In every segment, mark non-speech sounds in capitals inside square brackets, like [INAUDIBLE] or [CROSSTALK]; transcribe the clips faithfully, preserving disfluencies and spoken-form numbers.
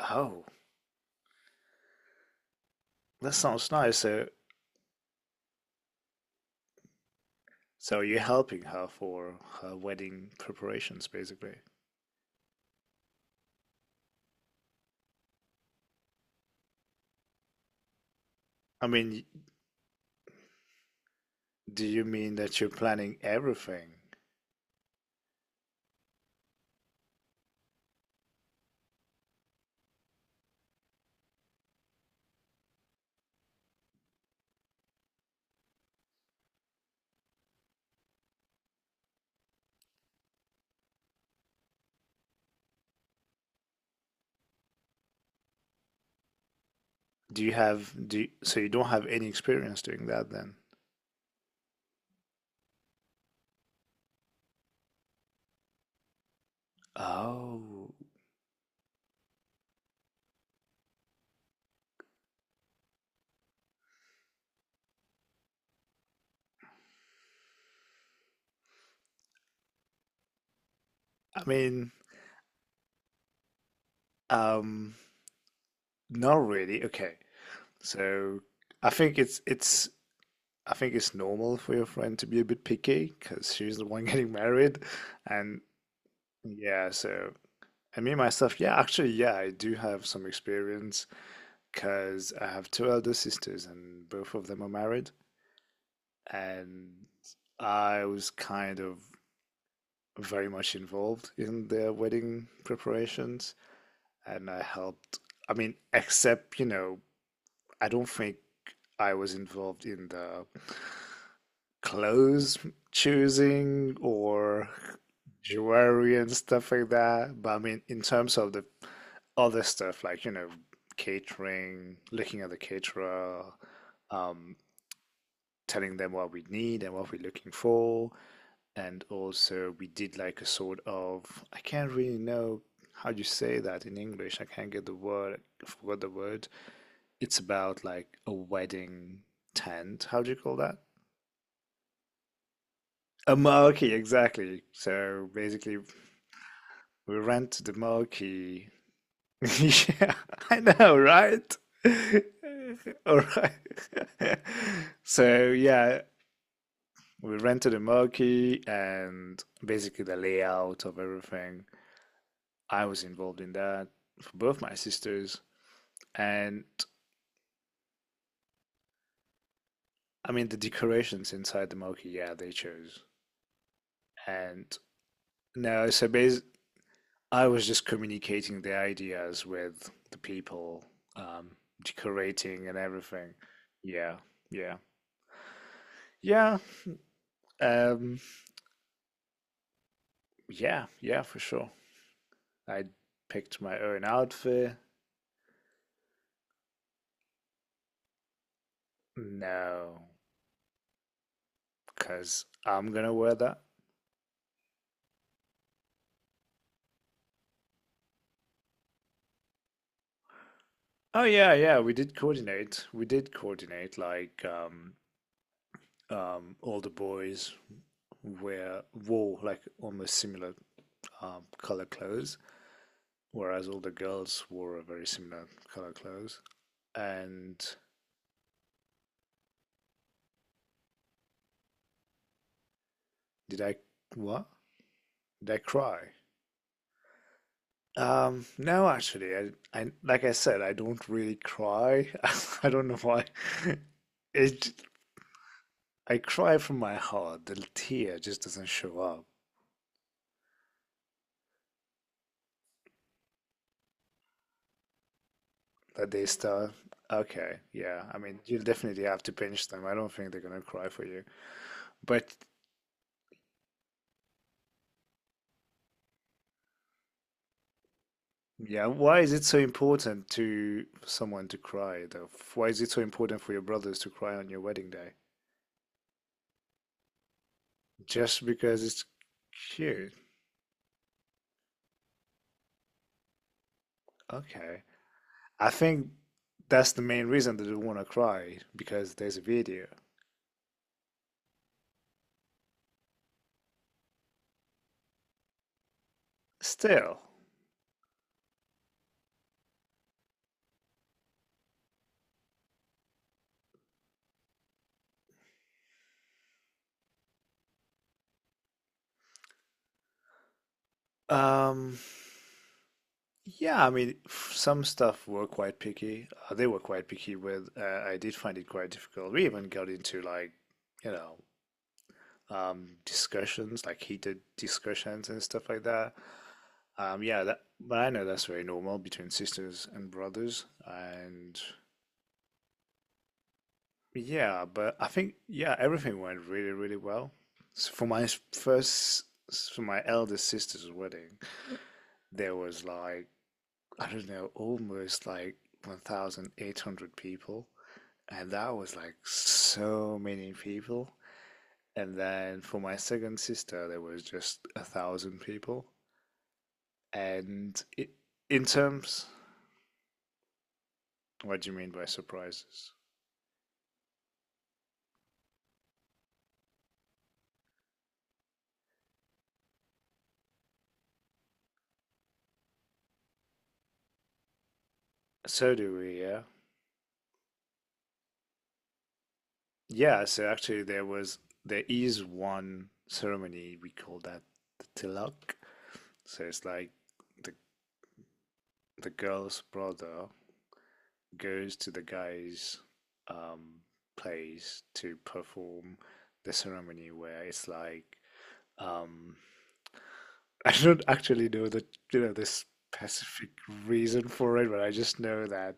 Oh, that sounds nice. So, so you're helping her for her wedding preparations, basically. I mean, do you mean that you're planning everything? Do you have do you, So you don't have any experience doing that then? Oh, I mean, um, not really. Okay. So, I think it's it's I think it's normal for your friend to be a bit picky because she's the one [LAUGHS] getting married, and yeah, so. I mean myself, yeah, actually, yeah, I do have some experience because I have two elder sisters and both of them are married. And I was kind of very much involved in their wedding preparations. And I helped, I mean, except, you know, I don't think I was involved in the clothes choosing or jewelry and stuff like that. But I mean, in terms of the other stuff, like, you know, catering, looking at the caterer, um, telling them what we need and what we're looking for. And also, we did like a sort of, I can't really know how you say that in English. I can't get the word, I forgot the word. It's about like a wedding tent. How do you call that? A marquee, exactly. So basically, we rented the marquee. [LAUGHS] Yeah, I know, right? [LAUGHS] All right. [LAUGHS] So yeah, we rented a monkey and basically the layout of everything. I was involved in that for both my sisters. And I mean, the decorations inside the monkey, yeah, they chose. And no, so basically I was just communicating the ideas with the people, um, decorating and everything. Yeah, yeah. Yeah, um, yeah, yeah, for sure. I picked my own outfit. No, because I'm gonna wear that. Oh yeah, yeah, we did coordinate. We did coordinate like um um all the boys wear wore like almost similar um color clothes, whereas all the girls wore a very similar color clothes. And did I what? Did I cry? Um no, actually. I I like I said, I don't really cry. [LAUGHS] I don't know why. [LAUGHS] It I cry from my heart. The tear just doesn't show up. That they start. Okay, yeah. I mean, you'll definitely have to pinch them. I don't think they're gonna cry for you. But yeah, why is it so important to for someone to cry though? Why is it so important for your brothers to cry on your wedding day? Just because it's cute. Okay. I think that's the main reason that they wanna cry, because there's a video. Still, um, yeah, I mean, f- some stuff were quite picky. Uh, they were quite picky with. Uh, I did find it quite difficult. We even got into like, you know, um, discussions, like heated discussions and stuff like that. Um, yeah, that, but I know that's very normal between sisters and brothers. And yeah, but I think yeah, everything went really, really well. So for my s- first, s- for my eldest sister's wedding, there was like I don't know, almost like one thousand eight hundred people. And that was like so many people. And then for my second sister, there was just a thousand people. And it, in terms, What do you mean by surprises? So do we, yeah. Yeah, so actually there was there is one ceremony we call that the tilak. So it's like the the girl's brother goes to the guy's um, place to perform the ceremony where it's like um, [LAUGHS] I don't actually know the you know the specific reason for it, but I just know that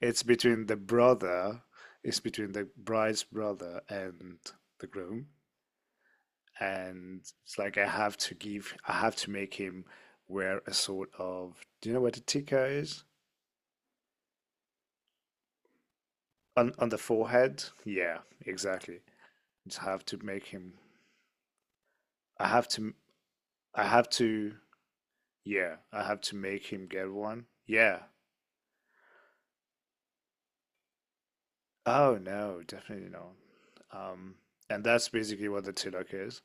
it's between the brother, it's between the bride's brother and the groom, and it's like I have to give, I have to make him wear a sort of, do you know what a tika is? On on the forehead? Yeah, exactly. Just have to make him. I have to. I have to. Yeah, I have to make him get one. Yeah. Oh no, definitely not. Um, and that's basically what the tilak is.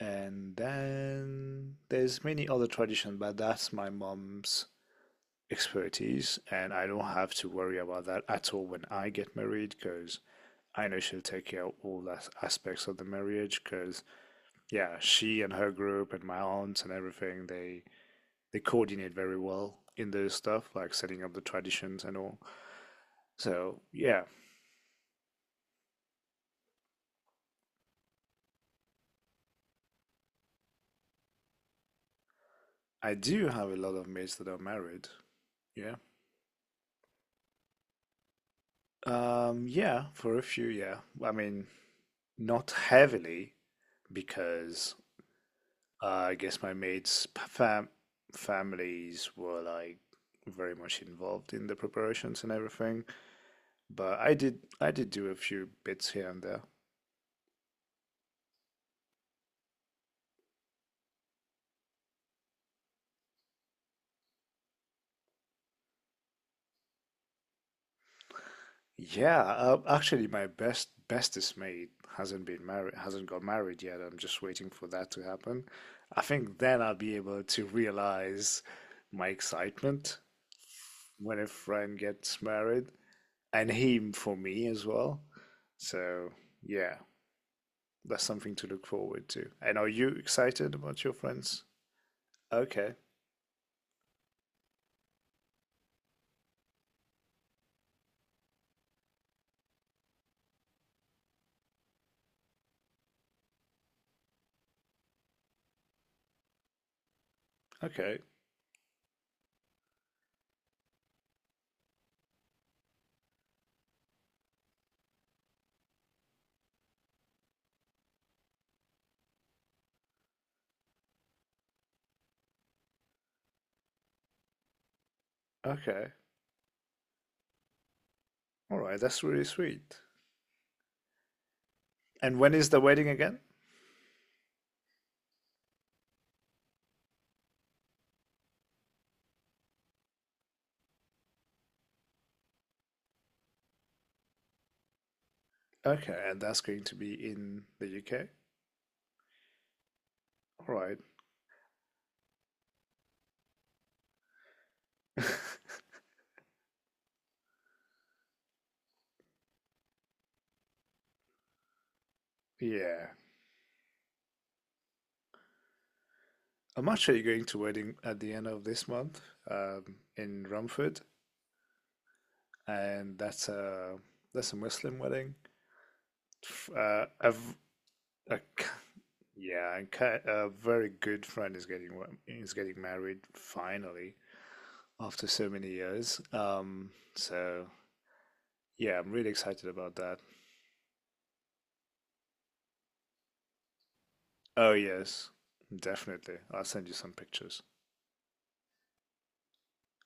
And then there's many other traditions, but that's my mom's expertise, and I don't have to worry about that at all when I get married because I know she'll take care of all the aspects of the marriage. Because yeah, she and her group and my aunts and everything, they they coordinate very well in those stuff, like setting up the traditions and all. So yeah, I do have a lot of mates that are married. Yeah. Um, yeah, for a few, yeah. I mean, not heavily because uh, I guess my mates' fam families were like very much involved in the preparations and everything. But I did I did do a few bits here and there. Yeah, uh, actually, my best bestest mate hasn't been married, hasn't got married yet. I'm just waiting for that to happen. I think then I'll be able to realize my excitement when a friend gets married, and him for me as well. So yeah, that's something to look forward to. And are you excited about your friends? Okay, okay, okay. All right, that's really sweet. And when is the wedding again? Okay, and that's going to be in the U K. All right. Yeah. I'm actually going to wedding at the end of this month, um, in Romford, and that's a that's a Muslim wedding. F- Uh, a, v- a k- Yeah, and ki- a very good friend is getting wa- is getting married finally after so many years. Um, so yeah, I'm really excited about that. Oh yes, definitely. I'll send you some pictures.